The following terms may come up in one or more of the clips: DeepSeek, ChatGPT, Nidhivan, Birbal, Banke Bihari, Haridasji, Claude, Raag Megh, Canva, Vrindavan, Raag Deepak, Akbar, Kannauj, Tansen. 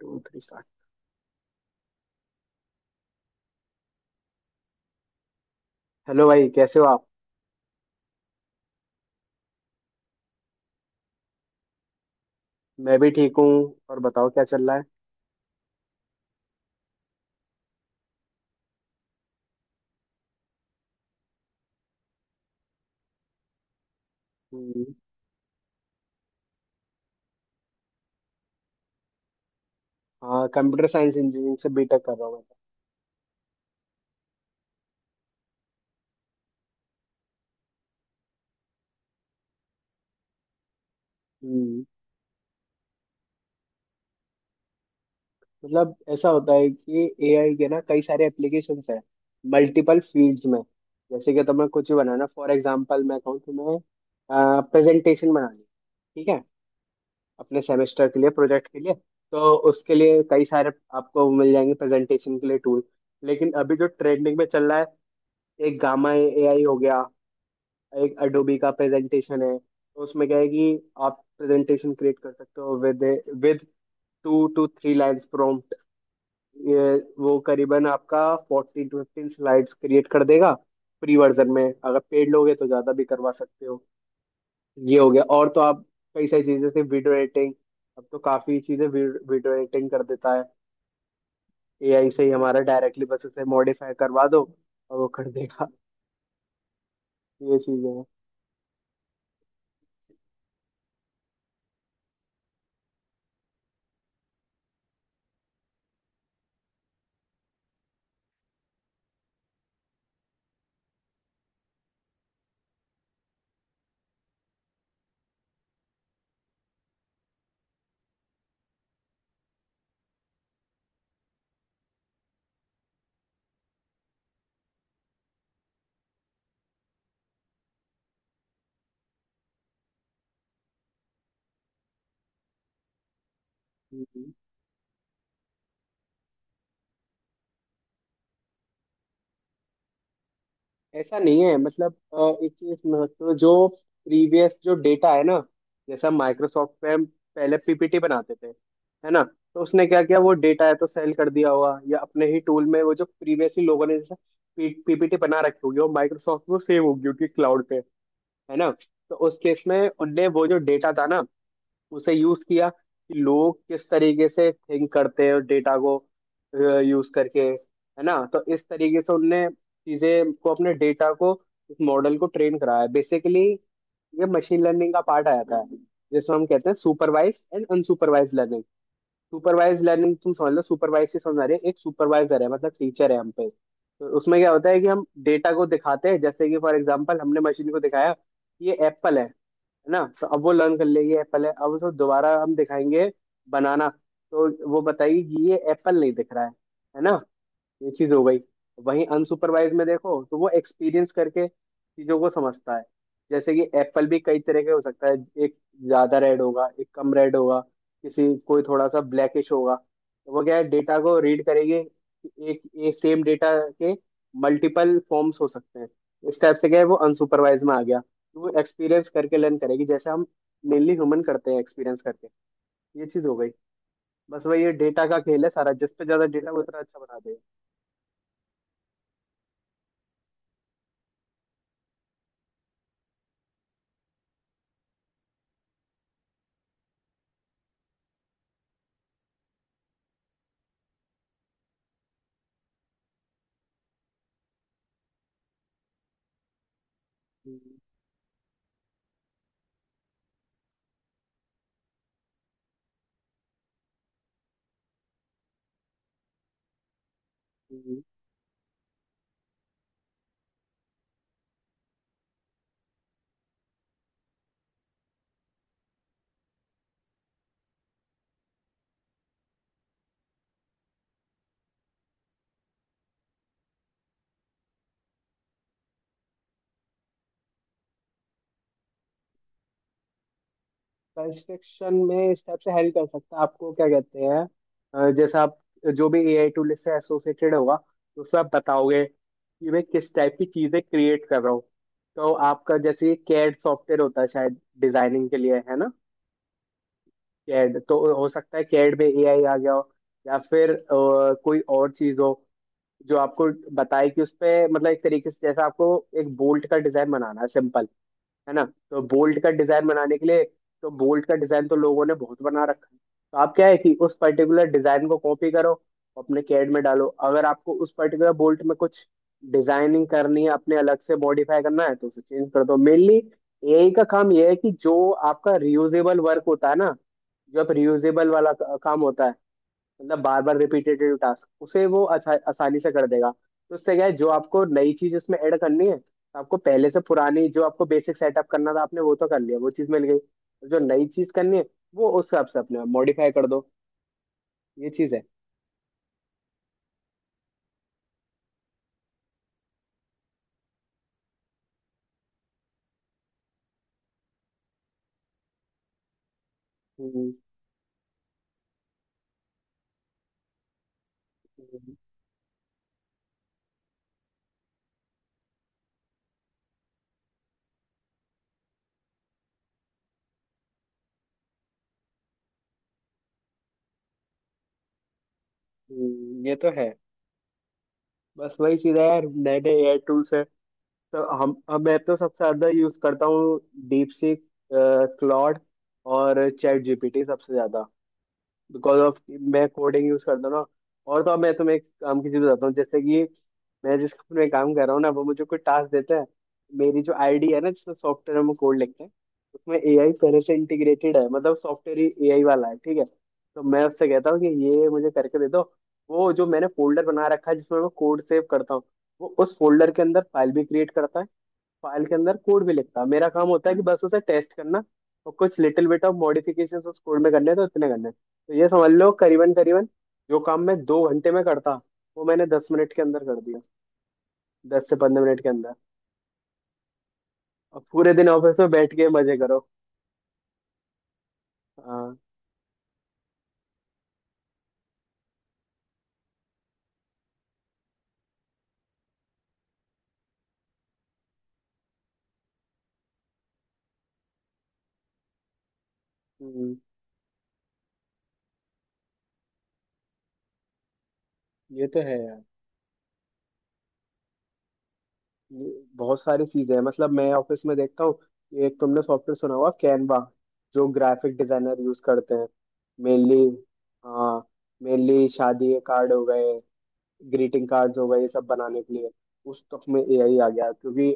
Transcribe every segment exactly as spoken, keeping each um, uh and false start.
To three start. Hello भाई, कैसे हो आप? मैं भी ठीक हूँ। और बताओ, क्या चल रहा है? हम्म। हाँ, कंप्यूटर साइंस इंजीनियरिंग से बीटेक कर रहा हूँ मैं। हम्म, मतलब ऐसा होता है कि एआई के ना कई सारे एप्लीकेशंस हैं मल्टीपल फील्ड्स में। जैसे कि तुम्हें कुछ ही बनाना, फॉर एग्जांपल मैं कहूँ, तुम्हें प्रेजेंटेशन बनानी है, ठीक है, अपने सेमेस्टर के लिए, प्रोजेक्ट के लिए। तो उसके लिए कई सारे आपको मिल जाएंगे प्रेजेंटेशन के लिए टूल। लेकिन अभी जो ट्रेंडिंग में चल रहा है, एक गामा एआई हो गया, एक अडोबी का प्रेजेंटेशन है। तो उसमें क्या है कि आप प्रेजेंटेशन क्रिएट कर सकते हो with with two two three lines prompt. ये वो करीबन आपका fourteen to fifteen slides create कर देगा फ्री वर्जन में। अगर पेड लोगे तो ज़्यादा भी करवा सकते हो। ये हो गया। और तो आप कई सारी चीज़ें जैसे वीडियो एडिटिंग, अब तो काफ़ी चीज़ें वीडियो एडिटिंग कर देता है एआई से ही हमारा, डायरेक्टली बस उसे मॉडिफाई करवा दो और वो कर देगा। ये चीज़ें हैं। हम्म। ऐसा नहीं है, मतलब अ, एक चीज महत्व जो प्रीवियस जो डेटा है ना, जैसा माइक्रोसॉफ्ट पे हम पहले पीपीटी बनाते थे, है ना? तो उसने क्या किया, वो डेटा है तो सेल कर दिया हुआ या अपने ही टूल में। वो जो प्रीवियसली लोगों ने जैसा पीपीटी बना रखी होगी वो माइक्रोसॉफ्ट में सेव होगी उनकी क्लाउड पे, है ना? तो उस केस में उनने वो जो डेटा था ना उसे यूज किया कि लोग किस तरीके से थिंक करते हैं डेटा को यूज करके, है ना? तो इस तरीके से उनने चीजें को अपने डेटा को, इस मॉडल को ट्रेन कराया बेसिकली। ये मशीन लर्निंग का पार्ट आ जाता है जिसमें हम कहते हैं supervise and unsupervise learning. Supervise learning तुम समझ लो, सुपरवाइज से समझ रहे एक सुपरवाइजर है, मतलब टीचर है हम पे। तो उसमें क्या होता है कि हम डेटा को दिखाते हैं, जैसे कि फॉर एग्जाम्पल हमने मशीन को दिखाया कि ये एप्पल है है ना? तो अब वो लर्न कर लेगी एप्पल है। अब उसको दोबारा हम दिखाएंगे बनाना, तो वो बताएगी कि ये एप्पल नहीं दिख रहा है है ना? ये चीज हो गई। वहीं अनसुपरवाइज में देखो तो वो एक्सपीरियंस करके चीजों को समझता है। जैसे कि एप्पल भी कई तरह के हो सकता है। एक ज्यादा रेड होगा, एक कम रेड होगा, किसी कोई थोड़ा सा ब्लैकिश होगा। तो वो क्या है, डेटा को रीड करेगी कि एक एक सेम डेटा के मल्टीपल फॉर्म्स हो सकते हैं। इस टाइप से क्या है, वो अनसुपरवाइज में आ गया तो वो एक्सपीरियंस करके लर्न करेगी जैसे हम मेनली ह्यूमन करते हैं एक्सपीरियंस करके। ये चीज हो गई। बस वही, ये डेटा का खेल है सारा, जिस पे ज्यादा डेटा उतना अच्छा बना देगा। कंस्ट्रक्शन में स्टेप से हेल्प कर सकता है आपको, क्या कहते हैं, अ, जैसे आप जो भी एआई टूल से एसोसिएटेड होगा तो उसमें आप बताओगे कि मैं किस टाइप की चीजें क्रिएट कर रहा हूँ। तो आपका जैसे कैड सॉफ्टवेयर होता है शायद डिजाइनिंग के लिए, है ना? कैड तो हो सकता है कैड में एआई आ गया हो, या फिर अ, कोई और चीज हो जो आपको बताए कि उस पे मतलब एक तरीके से। जैसे आपको एक बोल्ट का डिजाइन बनाना है सिंपल, है ना? तो बोल्ट का डिजाइन बनाने के लिए, तो बोल्ट का डिजाइन तो लोगों ने बहुत बना रखा है। तो आप क्या है कि उस पर्टिकुलर डिजाइन को कॉपी करो, अपने कैड में डालो, अगर आपको उस पर्टिकुलर बोल्ट में कुछ डिजाइनिंग करनी है अपने अलग से मॉडिफाई करना है तो उसे चेंज कर दो मेनली। एआई का काम यह है कि जो आपका रियूजेबल वर्क होता है ना, जो आप रियूजेबल वाला का- काम होता है, मतलब बार बार रिपीटेटिव टास्क उसे वो अच्छा आसानी से कर देगा। तो उससे क्या है, जो आपको नई चीज उसमें ऐड करनी है, तो आपको पहले से पुरानी जो आपको बेसिक सेटअप करना था आपने वो तो कर लिया, वो चीज मिल गई, और जो नई चीज करनी है वो उस हिसाब से अपने मॉडिफाई कर दो। ये चीज है। हम्म। हम्म। हम्म। ये तो है। बस वही चीज है यार, नए नए एआई टूल्स है। तो हम अब, मैं तो सबसे ज्यादा यूज करता हूँ डीप सीक, क्लॉड और चैट जीपीटी सबसे ज्यादा, बिकॉज ऑफ मैं कोडिंग यूज करता हूँ ना। और तो अब मैं तुम्हें एक काम की चीज बताता हूँ, जैसे कि मैं जिस कंपनी में काम कर रहा हूँ ना वो मुझे कोई टास्क देता है। मेरी जो आईडी है ना जिसमें सॉफ्टवेयर हम कोड लिखते हैं, उसमें एआई पहले से इंटीग्रेटेड है, मतलब सॉफ्टवेयर ही एआई वाला है, ठीक है? तो मैं उससे कहता हूँ कि ये मुझे करके दे दो। वो जो मैंने फोल्डर बना रखा है जिसमें मैं कोड सेव करता हूँ, वो उस फोल्डर के अंदर फाइल भी क्रिएट करता है, फाइल के अंदर कोड भी लिखता। मेरा काम होता है कि बस उसे टेस्ट करना और कुछ लिटिल बिट ऑफ मॉडिफिकेशंस उस कोड में करने हैं, तो इतने करने हैं। तो ये समझ लो करीबन करीबन जो काम मैं दो घंटे में करता वो मैंने दस मिनट के अंदर कर दिया, दस से पंद्रह मिनट के अंदर। और पूरे दिन ऑफिस में बैठ के मजे करो। हाँ। हम्म। ये तो है यार। ये बहुत सारी चीजें हैं, मतलब मैं ऑफिस में देखता हूँ। एक तुमने सॉफ्टवेयर सुना होगा, कैनवा, जो ग्राफिक डिजाइनर यूज करते हैं मेनली। हाँ, मेनली शादी के कार्ड हो गए, ग्रीटिंग कार्ड्स हो गए, ये सब बनाने के लिए। उस तक में एआई आ गया, क्योंकि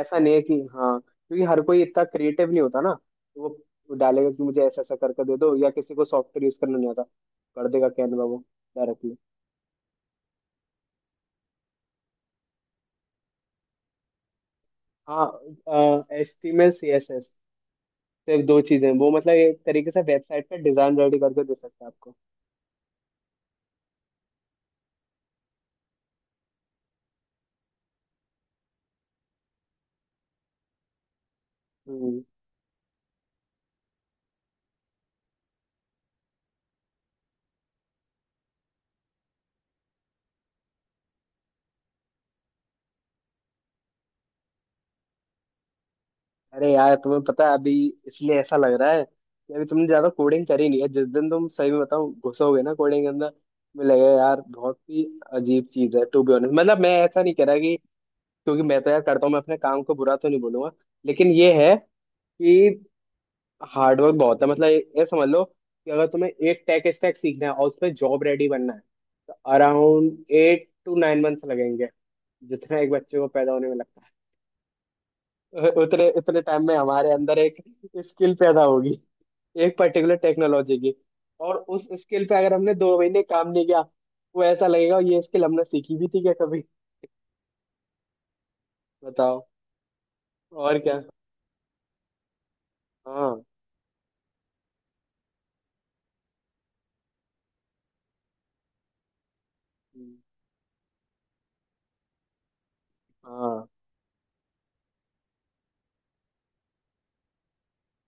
ऐसा नहीं है कि, हाँ, क्योंकि हर कोई इतना क्रिएटिव नहीं होता ना, तो वो वो डालेगा कि मुझे ऐसा ऐसा करके दे दो, या किसी को सॉफ्टवेयर यूज करना नहीं आता, कर देगा कैनवा वो डायरेक्टली। हाँ, एच टी में सी एस एस, सिर्फ दो चीजें, वो मतलब एक तरीके से वेबसाइट का डिजाइन रेडी करके दे सकता है आपको। हम्म। अरे यार तुम्हें पता है, अभी इसलिए ऐसा लग रहा है कि अभी तुमने ज्यादा कोडिंग करी नहीं है। जिस दिन तुम सही में बताओ घुसोगे ना कोडिंग के अंदर, तुम्हें लगेगा यार बहुत ही अजीब चीज है, टू बी ऑनेस्ट। मतलब मैं ऐसा नहीं कह रहा कि, क्योंकि मैं तो यार करता हूँ, मैं अपने काम को बुरा तो नहीं बोलूंगा। लेकिन ये है कि हार्डवर्क बहुत है, मतलब ये ये समझ लो कि अगर तुम्हें एक टेक स्टैक सीखना है और उसमें जॉब रेडी बनना है तो around eight to nine months लगेंगे। जितना एक बच्चे को पैदा होने में लगता है उतने उतने टाइम में हमारे अंदर एक स्किल पैदा होगी, एक पर्टिकुलर टेक्नोलॉजी की। और उस स्किल पे अगर हमने दो महीने काम नहीं किया, वो ऐसा लगेगा ये स्किल हमने सीखी भी थी क्या कभी? बताओ। और क्या। हाँ। हम्म। हाँ।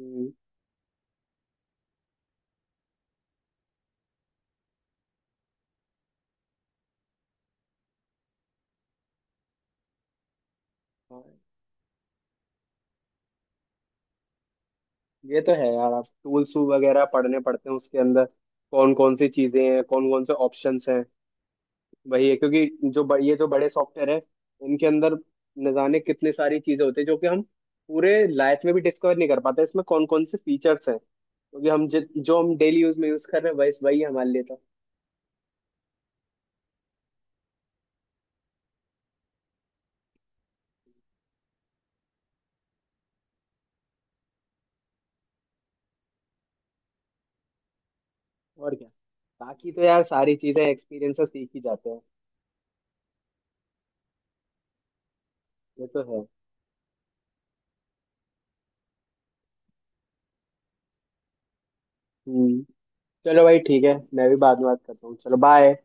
हम्म। हाँ। ये तो है यार, आप टूल्स वगैरह पढ़ने पड़ते हैं उसके अंदर कौन कौन सी चीजें हैं, कौन कौन से ऑप्शंस हैं। वही है, क्योंकि जो ब, ये जो बड़े सॉफ्टवेयर है इनके अंदर न जाने कितनी सारी चीजें होती है जो कि हम पूरे लाइफ में भी डिस्कवर नहीं कर पाते इसमें कौन कौन से फीचर्स हैं, क्योंकि हम जि, जो हम डेली यूज में यूज कर रहे हैं वही वही हमारे लिए तो। और क्या, बाकी तो यार सारी चीजें एक्सपीरियंस से सीख ही जाते हैं। ये तो है। हम्म। चलो भाई ठीक है, मैं भी बाद में बात करता हूँ, चलो बाय।